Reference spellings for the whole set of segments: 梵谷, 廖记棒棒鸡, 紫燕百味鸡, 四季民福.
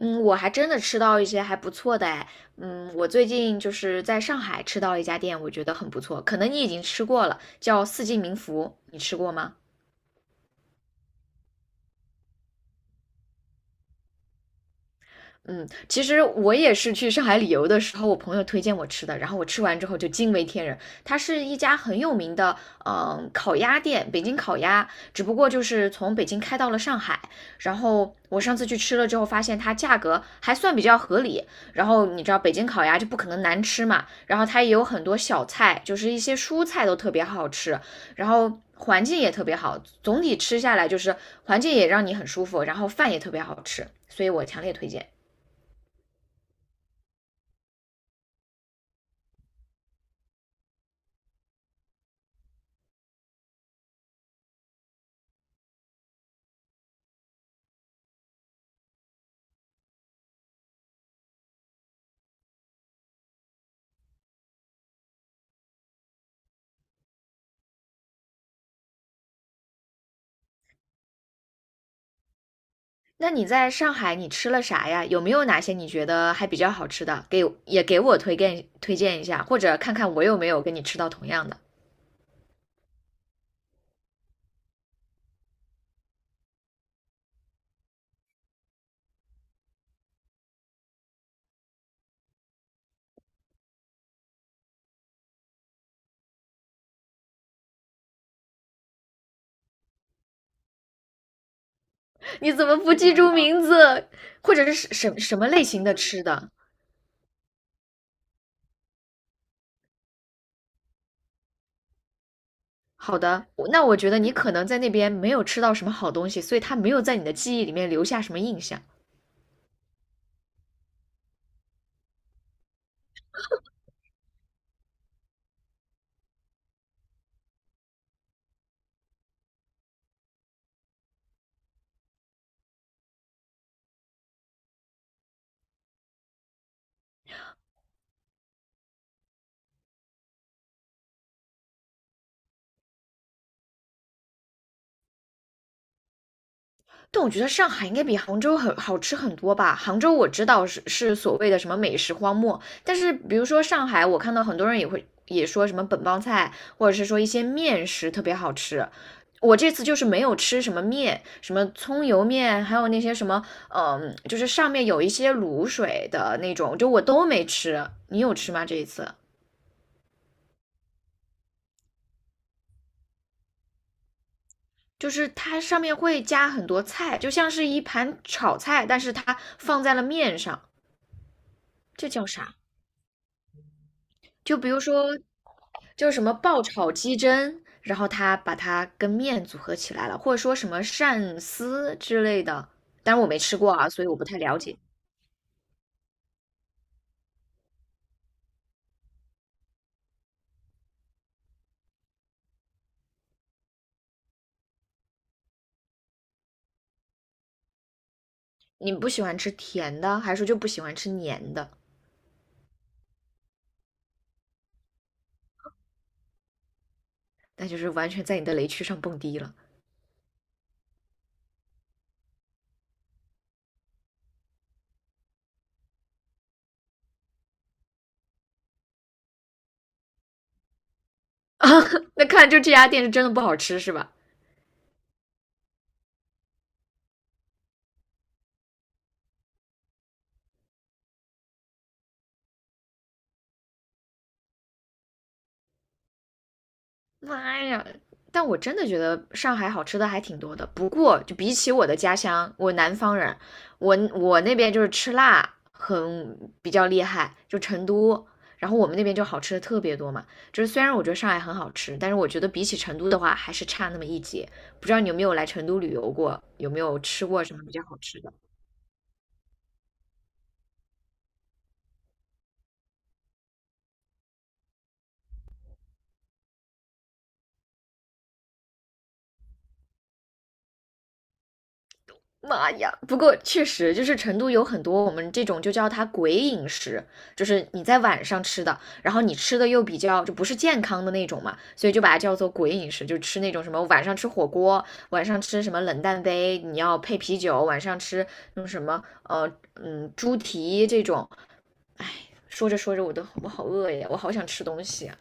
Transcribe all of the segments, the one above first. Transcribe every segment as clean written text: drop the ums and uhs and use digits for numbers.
嗯，我还真的吃到一些还不错的哎。嗯，我最近就是在上海吃到了一家店，我觉得很不错，可能你已经吃过了，叫四季民福，你吃过吗？嗯，其实我也是去上海旅游的时候，我朋友推荐我吃的，然后我吃完之后就惊为天人。它是一家很有名的，嗯，烤鸭店，北京烤鸭，只不过就是从北京开到了上海。然后我上次去吃了之后，发现它价格还算比较合理。然后你知道北京烤鸭就不可能难吃嘛，然后它也有很多小菜，就是一些蔬菜都特别好吃，然后环境也特别好，总体吃下来就是环境也让你很舒服，然后饭也特别好吃，所以我强烈推荐。那你在上海你吃了啥呀？有没有哪些你觉得还比较好吃的？给也给我推荐推荐一下，或者看看我有没有跟你吃到同样的。你怎么不记住名字？或者是什么类型的吃的？好的，我那我觉得你可能在那边没有吃到什么好东西，所以它没有在你的记忆里面留下什么印象。但我觉得上海应该比杭州很好吃很多吧。杭州我知道是所谓的什么美食荒漠，但是比如说上海，我看到很多人也会也说什么本帮菜，或者是说一些面食特别好吃。我这次就是没有吃什么面，什么葱油面，还有那些什么，嗯，就是上面有一些卤水的那种，就我都没吃。你有吃吗？这一次？就是它上面会加很多菜，就像是一盘炒菜，但是它放在了面上，这叫啥？就比如说，就是什么爆炒鸡胗，然后他把它跟面组合起来了，或者说什么鳝丝之类的。但是我没吃过啊，所以我不太了解。你不喜欢吃甜的，还是说就不喜欢吃黏的？那就是完全在你的雷区上蹦迪了。那看来就这家店是真的不好吃，是吧？妈呀！但我真的觉得上海好吃的还挺多的。不过，就比起我的家乡，我南方人，我那边就是吃辣很比较厉害，就成都。然后我们那边就好吃的特别多嘛。就是虽然我觉得上海很好吃，但是我觉得比起成都的话，还是差那么一截。不知道你有没有来成都旅游过，有没有吃过什么比较好吃的？妈呀！不过确实就是成都有很多我们这种就叫它鬼饮食，就是你在晚上吃的，然后你吃的又比较就不是健康的那种嘛，所以就把它叫做鬼饮食，就吃那种什么晚上吃火锅，晚上吃什么冷淡杯，你要配啤酒，晚上吃那种什么猪蹄这种。说着说着我好饿呀，我好想吃东西啊。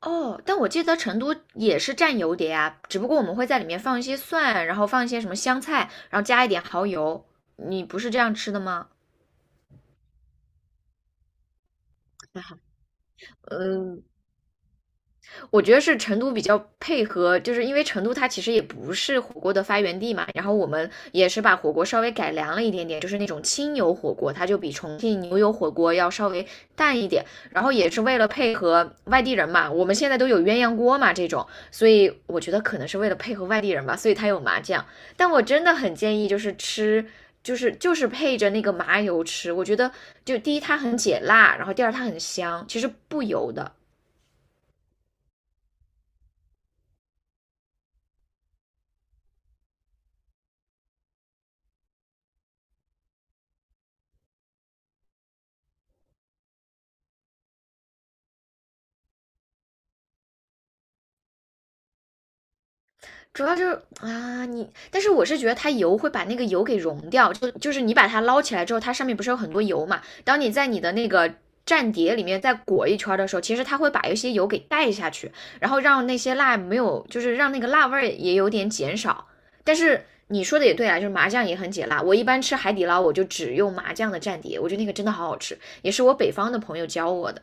哦，但我记得成都也是蘸油碟啊，只不过我们会在里面放一些蒜，然后放一些什么香菜，然后加一点蚝油。你不是这样吃的吗？嗯，我觉得是成都比较配合，就是因为成都它其实也不是火锅的发源地嘛，然后我们也是把火锅稍微改良了一点点，就是那种清油火锅，它就比重庆牛油火锅要稍微淡一点，然后也是为了配合外地人嘛，我们现在都有鸳鸯锅嘛这种，所以我觉得可能是为了配合外地人吧，所以它有麻酱，但我真的很建议就是吃。就是配着那个麻油吃，我觉得就第一它很解辣，然后第二它很香，其实不油的。主要就是啊，你，但是我是觉得它油会把那个油给溶掉，就是你把它捞起来之后，它上面不是有很多油嘛？当你在你的那个蘸碟里面再裹一圈的时候，其实它会把一些油给带下去，然后让那些辣没有，就是让那个辣味儿也有点减少。但是你说的也对啊，就是麻酱也很解辣。我一般吃海底捞，我就只用麻酱的蘸碟，我觉得那个真的好好吃，也是我北方的朋友教我的。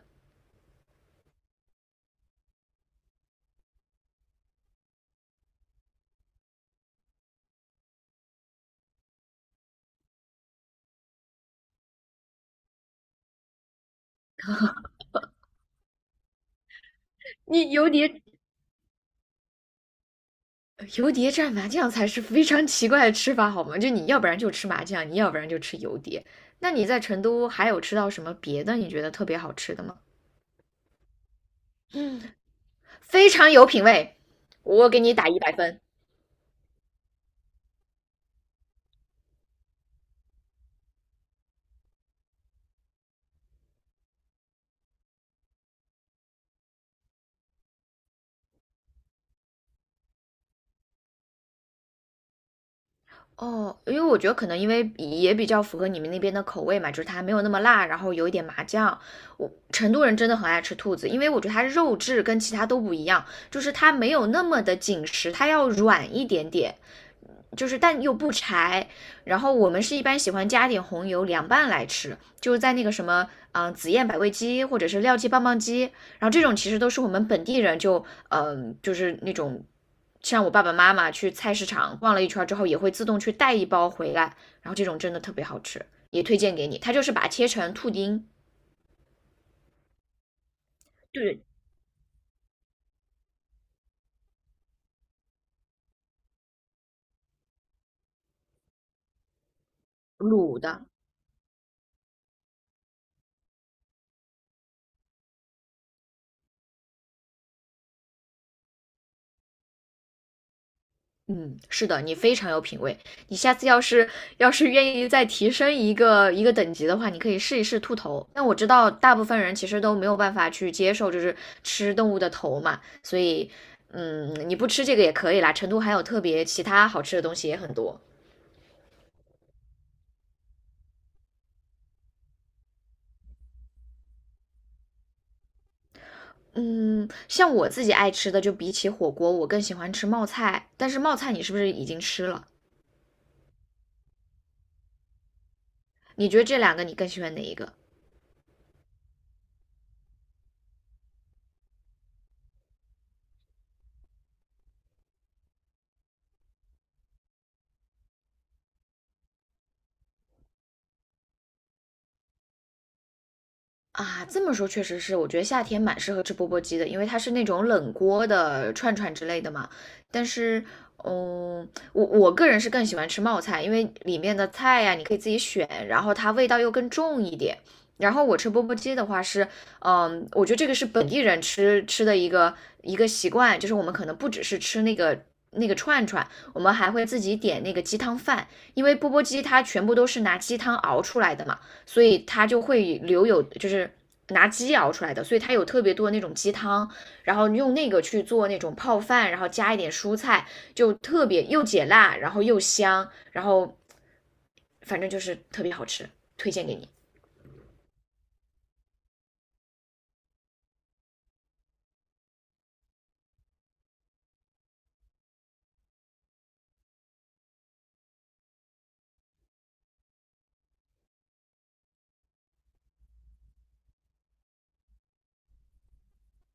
你油碟蘸麻酱才是非常奇怪的吃法，好吗？就你要不然就吃麻酱，你要不然就吃油碟。那你在成都还有吃到什么别的你觉得特别好吃的吗？嗯，非常有品味，我给你打100分。哦，因为我觉得可能因为也比较符合你们那边的口味嘛，就是它没有那么辣，然后有一点麻酱。我成都人真的很爱吃兔子，因为我觉得它肉质跟其他都不一样，就是它没有那么的紧实，它要软一点点。就是但又不柴。然后我们是一般喜欢加点红油凉拌来吃，就是在那个什么，紫燕百味鸡或者是廖记棒棒鸡，然后这种其实都是我们本地人就，就是那种。像我爸爸妈妈去菜市场逛了一圈之后，也会自动去带一包回来，然后这种真的特别好吃，也推荐给你。它就是把它切成兔丁，对，卤的，嗯，是的，你非常有品味。你下次要是愿意再提升一个等级的话，你可以试一试兔头。但我知道大部分人其实都没有办法去接受，就是吃动物的头嘛，所以，嗯，你不吃这个也可以啦。成都还有特别其他好吃的东西也很多。嗯，像我自己爱吃的，就比起火锅，我更喜欢吃冒菜。但是冒菜你是不是已经吃了？你觉得这两个你更喜欢哪一个？啊，这么说确实是，我觉得夏天蛮适合吃钵钵鸡的，因为它是那种冷锅的串串之类的嘛。但是，嗯，我个人是更喜欢吃冒菜，因为里面的菜呀、你可以自己选，然后它味道又更重一点。然后我吃钵钵鸡的话是，嗯，我觉得这个是本地人吃的一个习惯，就是我们可能不只是吃那个串串，我们还会自己点那个鸡汤饭，因为钵钵鸡它全部都是拿鸡汤熬出来的嘛。所以它就会留有就是拿鸡熬出来的，所以它有特别多的那种鸡汤，然后用那个去做那种泡饭，然后加一点蔬菜，就特别又解辣，然后又香，然后反正就是特别好吃，推荐给你。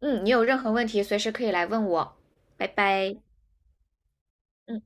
嗯，你有任何问题随时可以来问我，拜拜。嗯。